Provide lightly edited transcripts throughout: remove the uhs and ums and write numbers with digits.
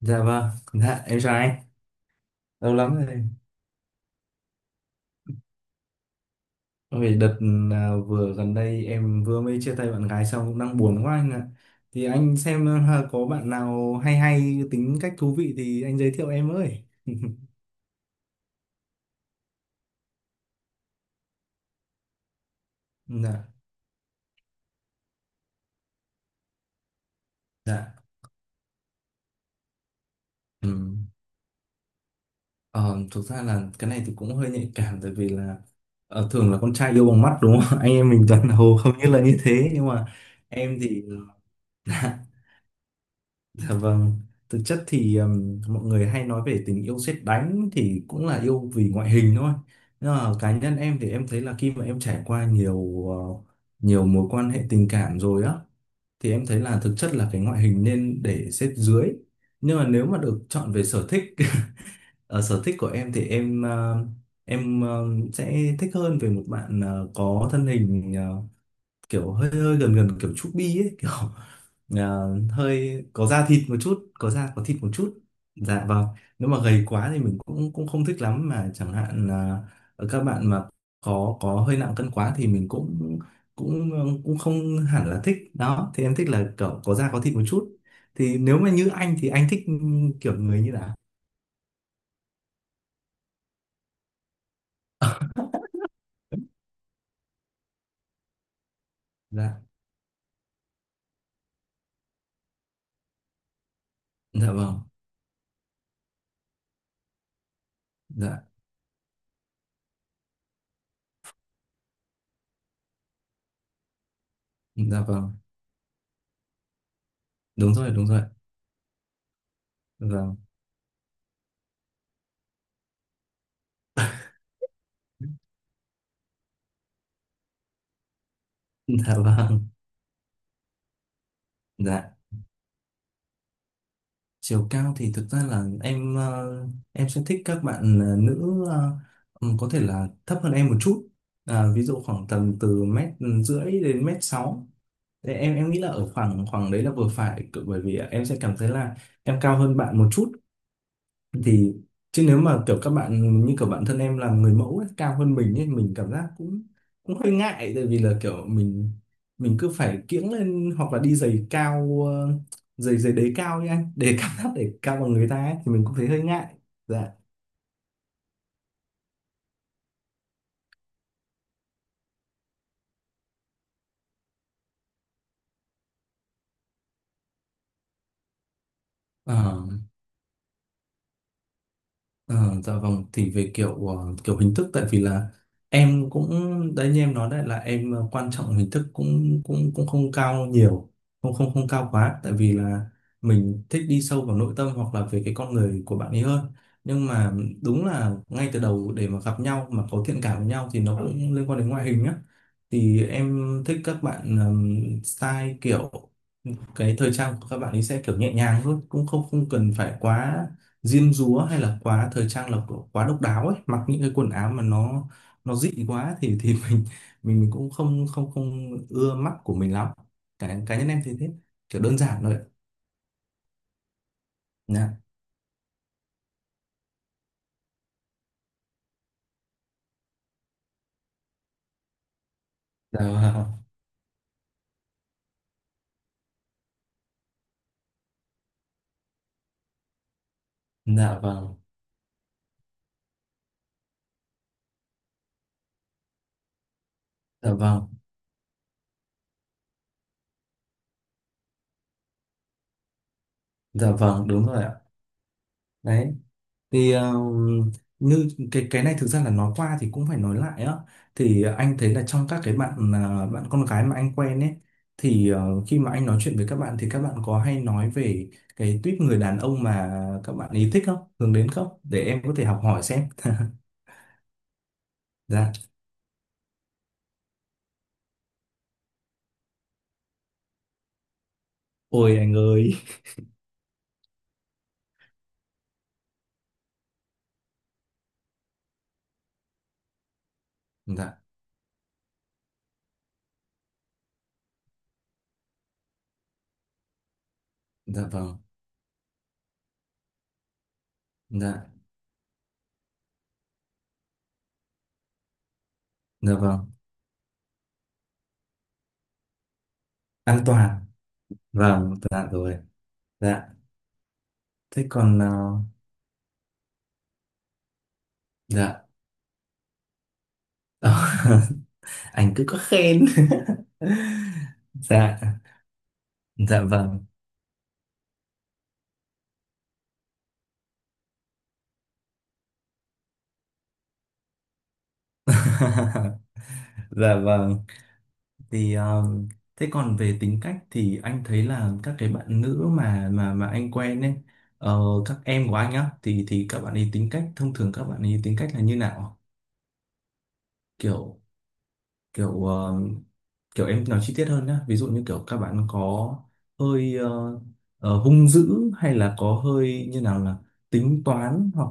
Dạ vâng, dạ em chào anh, lâu lắm rồi. Vì đợt Vừa gần đây em vừa mới chia tay bạn gái xong cũng đang buồn quá anh ạ. Thì anh xem à, có bạn nào hay hay tính cách thú vị thì anh giới thiệu em ơi. Dạ, dạ. Ừ. Ờ, Thực ra là cái này thì cũng hơi nhạy cảm, tại vì là thường là con trai yêu bằng mắt đúng không? Anh em mình toàn hầu không như là như thế, nhưng mà em thì Dạ vâng, thực chất thì mọi người hay nói về tình yêu sét đánh thì cũng là yêu vì ngoại hình thôi. Nhưng mà cá nhân em thì em thấy là khi mà em trải qua nhiều mối quan hệ tình cảm rồi á thì em thấy là thực chất là cái ngoại hình nên để xếp dưới. Nhưng mà nếu mà được chọn về sở thích ở sở thích của em thì em sẽ thích hơn về một bạn có thân hình kiểu hơi hơi gần gần kiểu chubby ấy, kiểu à, hơi có da thịt một chút, có da có thịt một chút. Dạ vâng. Nếu mà gầy quá thì mình cũng cũng không thích lắm, mà chẳng hạn là các bạn mà có hơi nặng cân quá thì mình cũng cũng cũng không hẳn là thích đó. Thì em thích là kiểu có da có thịt một chút. Thì nếu mà như anh thì anh thích kiểu người như nào? Dạ. Dạ vâng. Dạ. Dạ vâng, đúng rồi, đúng rồi. Vâng. Dạ vâng. Dạ. Chiều cao thì thực ra là em em sẽ thích các bạn nữ, có thể là thấp hơn em một chút. Ví dụ khoảng tầm từ mét rưỡi đến mét sáu. Thế em nghĩ là ở khoảng khoảng đấy là vừa phải, bởi vì em sẽ cảm thấy là em cao hơn bạn một chút. Thì chứ nếu mà kiểu các bạn như kiểu bản thân em làm người mẫu ấy, cao hơn mình ấy, mình cảm giác cũng cũng hơi ngại, tại vì là kiểu mình cứ phải kiễng lên hoặc là đi giày cao, giày giày đế cao nha để cảm giác để cao bằng người ta ấy, thì mình cũng thấy hơi ngại. Dạ. Ờ, dạ vâng, thì về kiểu kiểu hình thức, tại vì là em cũng đấy, như em nói đấy là em quan trọng hình thức cũng cũng cũng không cao nhiều, không không không cao quá, tại vì là mình thích đi sâu vào nội tâm hoặc là về cái con người của bạn ấy hơn. Nhưng mà đúng là ngay từ đầu để mà gặp nhau mà có thiện cảm với nhau thì nó cũng liên quan đến ngoại hình á. Thì em thích các bạn style, kiểu cái thời trang của các bạn ấy sẽ kiểu nhẹ nhàng thôi, cũng không không cần phải quá diêm dúa hay là quá thời trang, là kiểu quá độc đáo ấy, mặc những cái quần áo mà nó dị quá thì mình cũng không không không ưa mắt của mình lắm. Cá cá nhân em thì thế, kiểu đơn giản thôi ạ. Dạ. Dạ vâng. Dạ vâng. Dạ vâng. Dạ vâng, đúng rồi ạ. Đấy thì như cái này thực ra là nói qua thì cũng phải nói lại á. Thì anh thấy là trong các cái bạn à, bạn con gái mà anh quen ấy, thì khi mà anh nói chuyện với các bạn thì các bạn có hay nói về cái tuýp người đàn ông mà các bạn ý thích không, hướng đến không, để em có thể học hỏi xem. Dạ. Ôi anh ơi. Dạ. Dạ vâng. Dạ. Dạ vâng, an toàn, vâng dạ rồi. Dạ. Thế còn dạ. Anh cứ có khen. Dạ. Dạ vâng. Dạ vâng. Thì thế còn về tính cách thì anh thấy là các cái bạn nữ mà anh quen ấy, ờ, các em của anh á, thì các bạn ấy tính cách thông thường các bạn ấy tính cách là như nào? Kiểu. kiểu um, Kiểu em nói chi tiết hơn nhá. Ví dụ như kiểu các bạn có hơi hung dữ hay là có hơi như nào, là tính toán, hoặc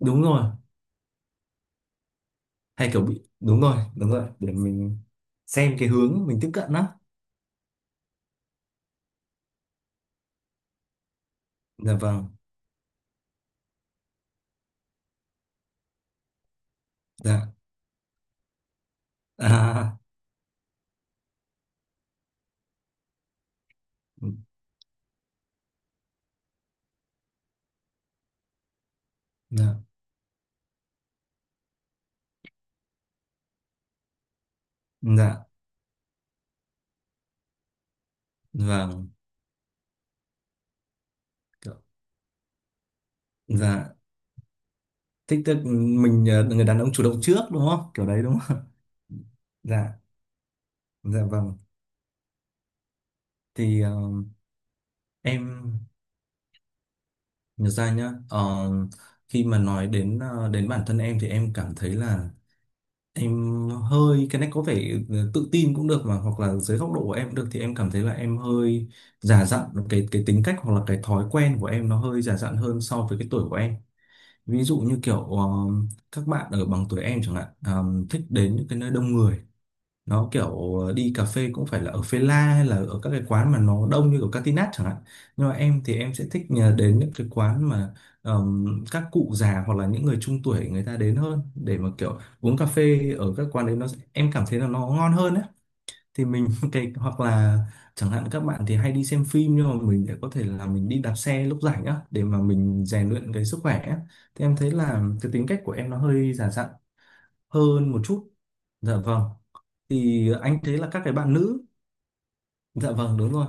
đúng rồi, hay kiểu bị, đúng rồi, đúng rồi, để mình xem cái hướng mình tiếp cận á. Dạ vâng. Dạ. À, dạ. Dạ vâng. Kiểu- dạ. Thích, tức mình người đàn ông chủ động trước, đúng không, kiểu đấy đúng không? Dạ. Dạ vâng. Thì em nhớ ra nhá. Ờ, Khi mà nói đến đến bản thân em thì em cảm thấy là em hơi, cái này có vẻ tự tin cũng được, mà hoặc là dưới góc độ của em cũng được, thì em cảm thấy là em hơi già dặn. Cái tính cách hoặc là cái thói quen của em nó hơi già dặn hơn so với cái tuổi của em. Ví dụ như kiểu các bạn ở bằng tuổi em chẳng hạn, thích đến những cái nơi đông người, nó kiểu đi cà phê cũng phải là ở Phê La hay là ở các cái quán mà nó đông như ở Catinat chẳng hạn. Nhưng mà em thì em sẽ thích nhờ đến những cái quán mà các cụ già hoặc là những người trung tuổi người ta đến hơn, để mà kiểu uống cà phê ở các quán đấy nó em cảm thấy là nó ngon hơn đấy. Thì mình cái hoặc là chẳng hạn các bạn thì hay đi xem phim nhưng mà mình lại có thể là mình đi đạp xe lúc rảnh á, để mà mình rèn luyện cái sức khỏe á. Thì em thấy là cái tính cách của em nó hơi già dặn hơn một chút. Dạ vâng. Thì anh thấy là các cái bạn nữ, dạ vâng đúng rồi.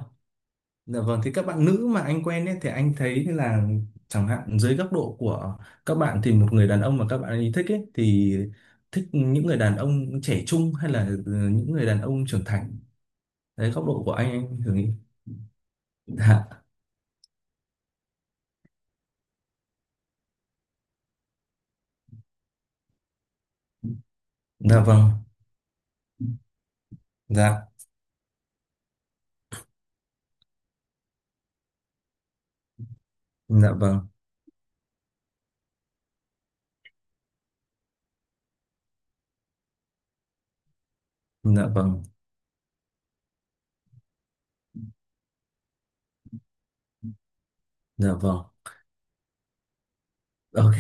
Dạ vâng, thì các bạn nữ mà anh quen ấy thì anh thấy là, chẳng hạn dưới góc độ của các bạn thì một người đàn ông mà các bạn ấy thích ấy, thì thích những người đàn ông trẻ trung hay là những người đàn ông trưởng thành, đấy, góc độ của anh thử nghĩ. Dạ. Dạ vâng. Dạ. Dạ vâng. Dạ vâng. Dạ vâng. OK.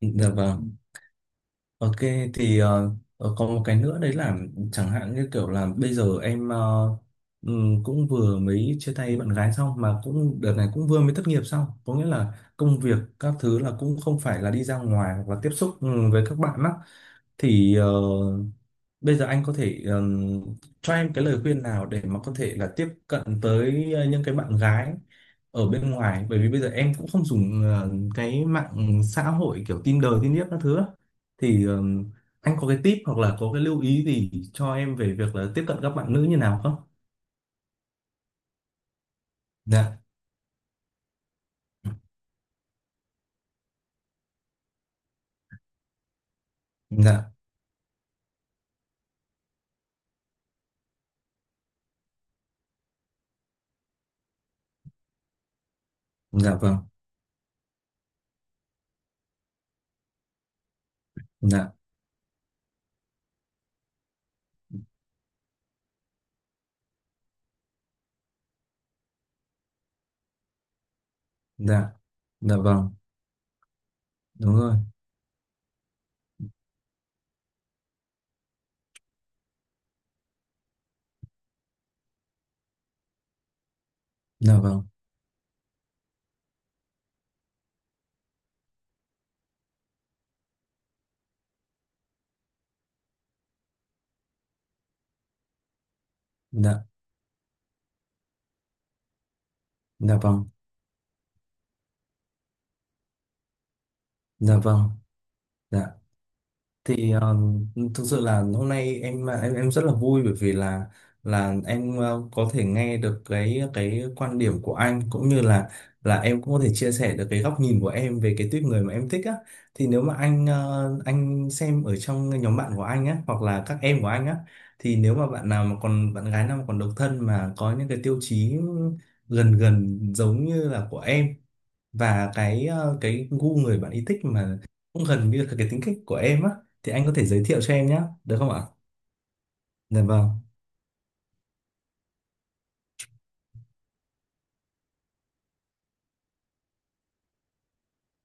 Dạ vâng. OK. Thì có một cái nữa đấy là chẳng hạn như kiểu là bây giờ em cũng vừa mới chia tay bạn gái xong, mà cũng đợt này cũng vừa mới thất nghiệp xong, có nghĩa là công việc các thứ là cũng không phải là đi ra ngoài hoặc là tiếp xúc ừ, với các bạn á. Thì bây giờ anh có thể cho em cái lời khuyên nào để mà có thể là tiếp cận tới những cái bạn gái ở bên ngoài, bởi vì bây giờ em cũng không dùng cái mạng xã hội kiểu Tinder, các thứ á. Thì anh có cái tip hoặc là có cái lưu ý gì cho em về việc là tiếp cận các bạn nữ như nào không? Dạ. Dạ. Dạ vâng. Dạ. Dạ. Dạ vâng. Đúng rồi. Dạ vâng. Dạ. Dạ vâng. Dạ vâng. Dạ. Thì thực sự là hôm nay em rất là vui, bởi vì là em có thể nghe được cái quan điểm của anh, cũng như là em cũng có thể chia sẻ được cái góc nhìn của em về cái tuyếp người mà em thích á. Thì nếu mà anh xem ở trong nhóm bạn của anh á hoặc là các em của anh á, thì nếu mà bạn nào mà còn bạn gái nào mà còn độc thân, mà có những cái tiêu chí gần gần giống như là của em, và cái cái gu người bạn ý thích mà cũng gần như là cái tính cách của em á, thì anh có thể giới thiệu cho em nhé, được không ạ? Dạ vâng,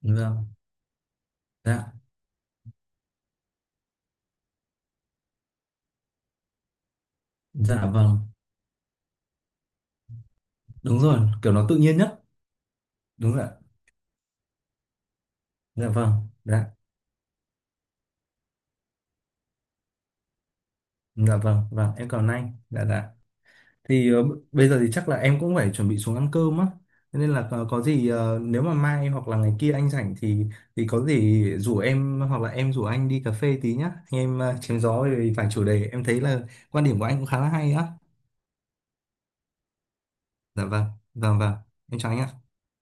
đúng rồi. Dạ. Dạ vâng, đúng rồi, kiểu nó tự nhiên nhất. Đúng rồi ạ. Dạ vâng. Dạ. Dạ vâng, vâng, em cảm ơn anh. Dạ, dạ. Thì bây giờ thì chắc là em cũng phải chuẩn bị xuống ăn cơm á. Thế nên là có gì nếu mà mai hoặc là ngày kia anh rảnh thì có gì rủ em hoặc là em rủ anh đi cà phê tí nhá, anh em chém gió về vài chủ đề. Em thấy là quan điểm của anh cũng khá là hay á. Dạ vâng, vâng, vâng, em chào anh ạ.